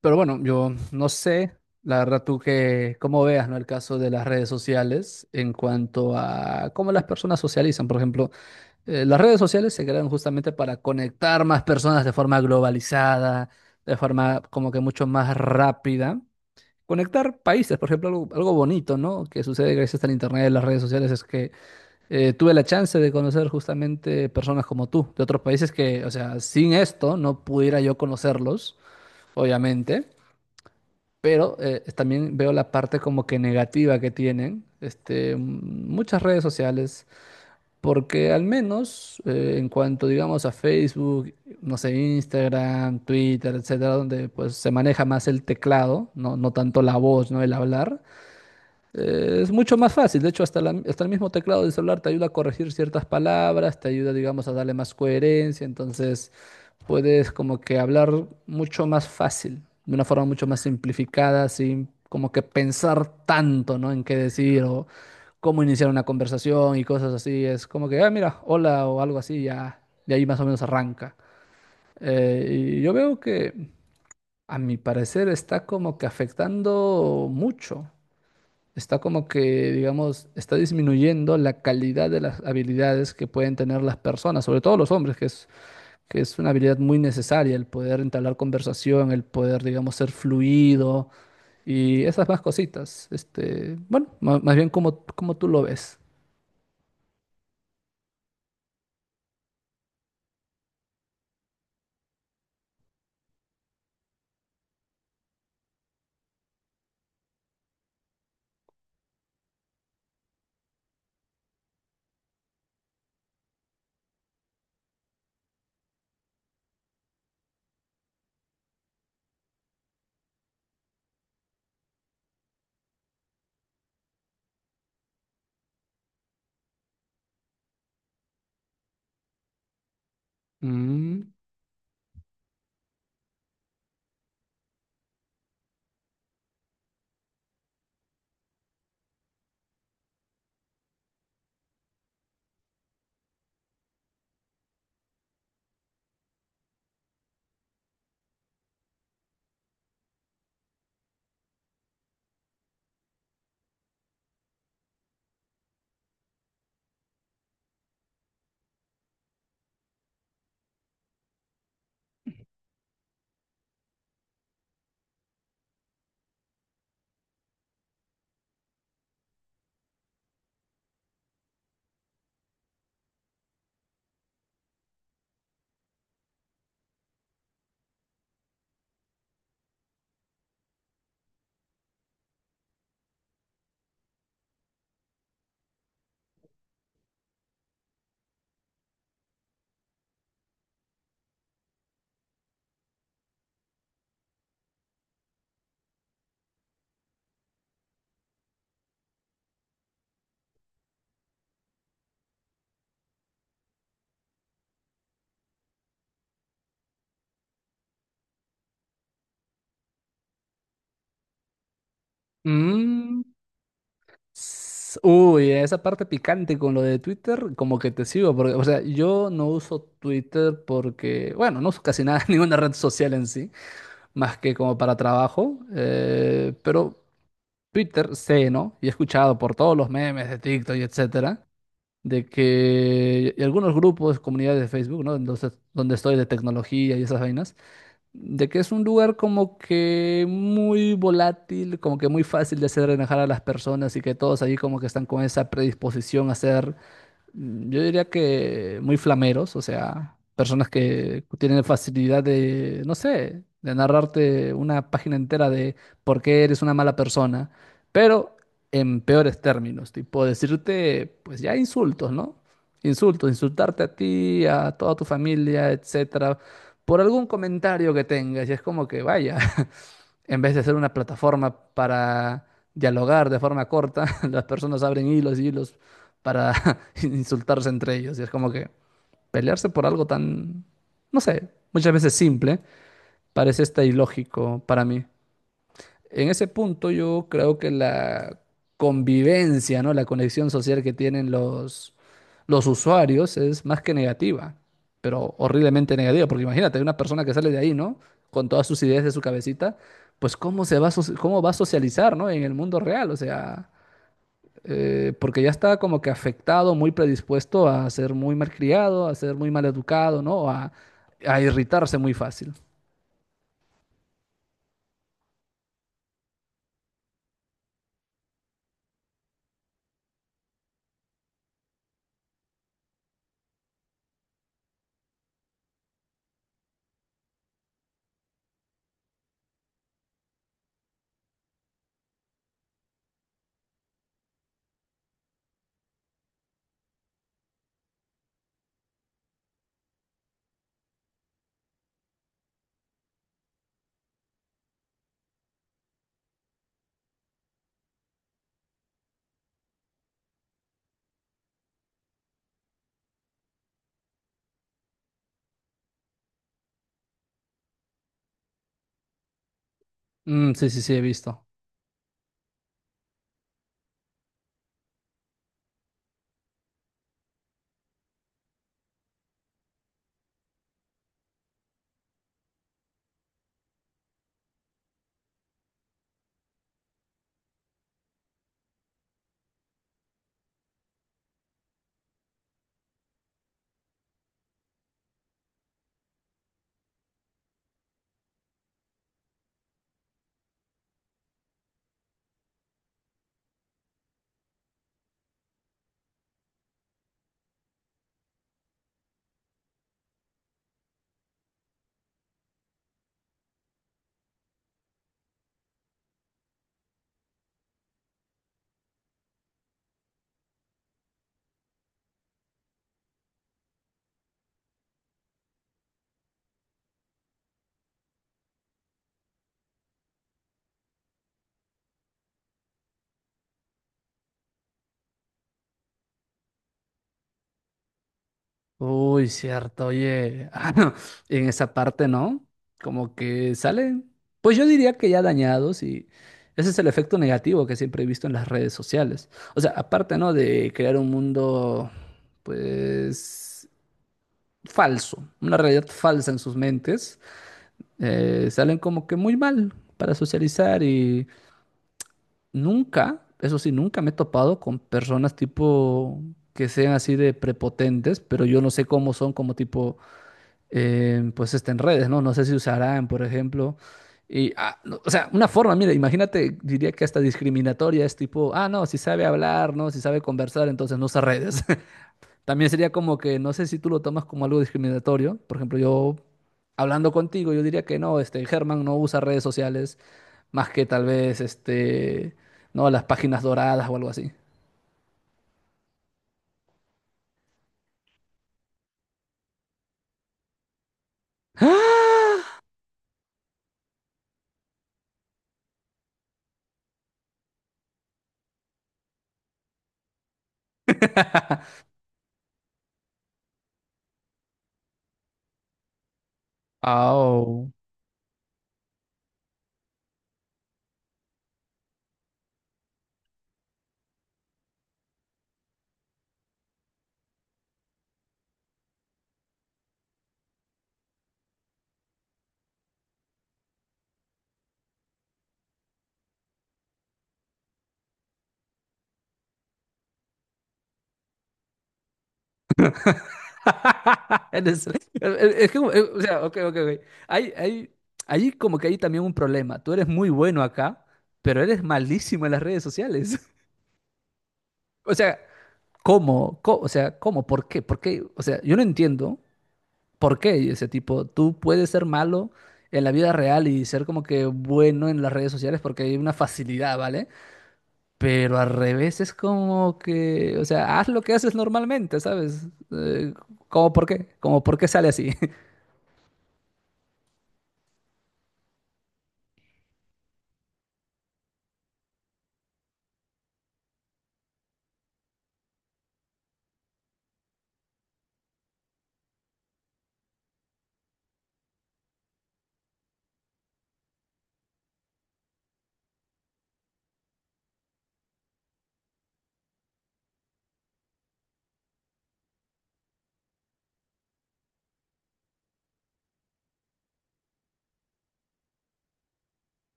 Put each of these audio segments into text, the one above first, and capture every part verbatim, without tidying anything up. Pero bueno, yo no sé, la verdad tú que, cómo veas, ¿no? El caso de las redes sociales en cuanto a cómo las personas socializan. Por ejemplo, eh, las redes sociales se crean justamente para conectar más personas de forma globalizada, de forma como que mucho más rápida. Conectar países, por ejemplo, algo, algo bonito, ¿no? Que sucede gracias al Internet y las redes sociales es que eh, tuve la chance de conocer justamente personas como tú, de otros países que, o sea, sin esto no pudiera yo conocerlos, obviamente. Pero eh, también veo la parte como que negativa que tienen este, mm, muchas redes sociales, porque al menos eh, en cuanto digamos a Facebook, no sé, Instagram, Twitter, etcétera, donde pues se maneja más el teclado, no, no tanto la voz, ¿no? El hablar. Eh, es mucho más fácil, de hecho hasta, la- hasta el mismo teclado del celular te ayuda a corregir ciertas palabras, te ayuda, digamos, a darle más coherencia, entonces puedes como que hablar mucho más fácil, de una forma mucho más simplificada, sin como que pensar tanto, ¿no? En qué decir o cómo iniciar una conversación y cosas así, es como que, ah, mira, hola o algo así, ya, de ahí más o menos arranca. Eh, y yo veo que, a mi parecer, está como que afectando mucho, está como que, digamos, está disminuyendo la calidad de las habilidades que pueden tener las personas, sobre todo los hombres, que es, que es una habilidad muy necesaria, el poder entablar conversación, el poder, digamos, ser fluido y esas más cositas. Este, bueno, ma- más, bien como, como tú lo ves. Mm, mm, s- uy, esa parte picante con lo de Twitter, como que te sigo, porque, o sea, yo no uso Twitter porque, bueno, no uso casi nada, ninguna red social en sí. Más que como para trabajo, eh, pero Twitter sé, ¿no? Y he escuchado por todos los memes de TikTok y etcétera, de que y algunos grupos, comunidades de Facebook, ¿no? Entonces, donde estoy de tecnología y esas vainas, de que es un lugar como que muy volátil, como que muy fácil de hacer enojar a las personas y que todos ahí como que están con esa predisposición a ser, mm, yo diría que muy flameros, o sea, personas que tienen facilidad de, no sé, de narrarte una página entera de por qué eres una mala persona, pero en peores términos, tipo decirte, pues ya insultos, ¿no? Insultos, insultarte a ti, a toda tu familia, etcétera, por algún comentario que tengas, y es como que vaya. En vez de ser una plataforma para dialogar de forma corta, las personas abren hilos y hilos para insultarse entre ellos. Y es como que pelearse por algo tan, no sé, muchas veces simple, parece hasta ilógico para mí. En ese punto yo creo que la convivencia, ¿no? La conexión social que tienen los, los usuarios es más que negativa, pero horriblemente negativa, porque imagínate, una persona que sale de ahí, ¿no? Con todas sus ideas de su cabecita, pues cómo se va a, soci- cómo va a socializar, ¿no? En el mundo real, o sea, eh, porque ya está como que afectado, muy predispuesto a ser muy malcriado, a ser muy maleducado, ¿no? A, a irritarse muy fácil. Mm, sí, sí, sí, he visto. Uy, cierto, oye, ah, no, en esa parte, ¿no? Como que salen, pues yo diría que ya dañados y ese es el efecto negativo que siempre he visto en las redes sociales. O sea, aparte, ¿no? De crear un mundo, pues, falso, una realidad falsa en sus mentes, eh, salen como que muy mal para socializar y nunca, eso sí, nunca me he topado con personas tipo que sean así de prepotentes, pero yo no sé cómo son como tipo, eh, pues este, en redes, ¿no? No sé si usarán, por ejemplo. Y, ah, no, o sea, una forma, mira, imagínate, diría que hasta discriminatoria es tipo, ah, no, si sabe hablar, ¿no? Si sabe conversar, entonces no usa redes. También sería como que, no sé si tú lo tomas como algo discriminatorio. Por ejemplo, yo hablando contigo, yo diría que no, este, Germán no usa redes sociales más que tal vez, este, no, las páginas doradas o algo así. ¡Ah! Eres... Es que, eh, o sea, ok, ok, ok. Hay, hay, hay como que hay también un problema. Tú eres muy bueno acá, pero eres malísimo en las redes sociales. O sea, ¿cómo? Co... O sea, ¿cómo? ¿Por qué? ¿Por qué? O sea, yo no entiendo por qué ese tipo. Tú puedes ser malo en la vida real y ser como que bueno en las redes sociales porque hay una facilidad, ¿vale? Pero al revés es como que, o sea, haz lo que haces normalmente, ¿sabes? Eh, ¿cómo por qué? ¿Cómo por qué sale así?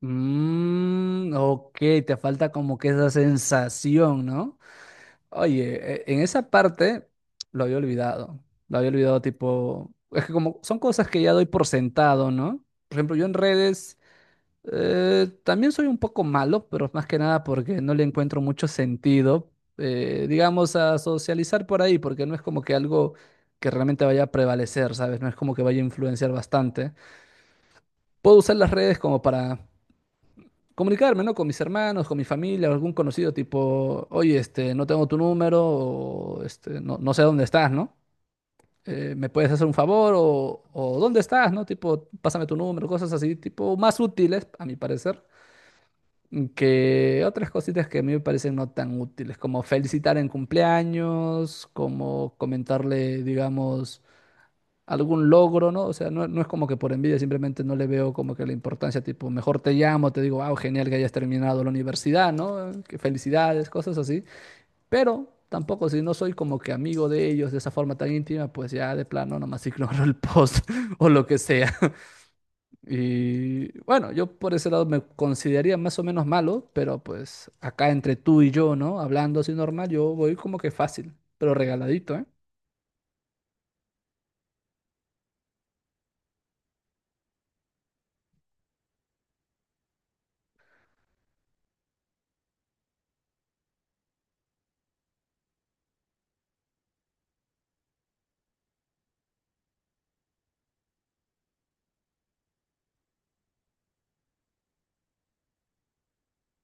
Mm, ok, te falta como que esa sensación, ¿no? Oye, e- en esa parte lo había olvidado. Lo había olvidado, tipo. Es que como son cosas que ya doy por sentado, ¿no? Por ejemplo, yo en redes eh, también soy un poco malo, pero más que nada porque no le encuentro mucho sentido, eh, digamos, a socializar por ahí, porque no es como que algo que realmente vaya a prevalecer, ¿sabes? No es como que vaya a influenciar bastante. Puedo usar las redes como para comunicarme, ¿no? Con mis hermanos, con mi familia, o algún conocido, tipo, oye, este, no tengo tu número, o este, no, no sé dónde estás, ¿no? Eh, ¿me puedes hacer un favor? O, o ¿dónde estás? ¿No? Tipo, pásame tu número, cosas así, tipo, más útiles, a mi parecer, que otras cositas que a mí me parecen no tan útiles, como felicitar en cumpleaños, como comentarle, digamos, algún logro, ¿no? O sea, no, no es como que por envidia, simplemente no le veo como que la importancia, tipo, mejor te llamo, te digo, wow, genial que hayas terminado la universidad, ¿no? Que felicidades, cosas así. Pero tampoco, si no soy como que amigo de ellos de esa forma tan íntima, pues ya de plano nomás ignoro el post o lo que sea. Y bueno, yo por ese lado me consideraría más o menos malo, pero pues acá entre tú y yo, ¿no? Hablando así normal, yo voy como que fácil, pero regaladito, ¿eh?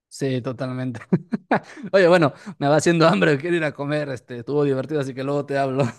Sí, totalmente. Oye, bueno, me va haciendo hambre, quiero ir a comer, este, estuvo divertido, así que luego te hablo.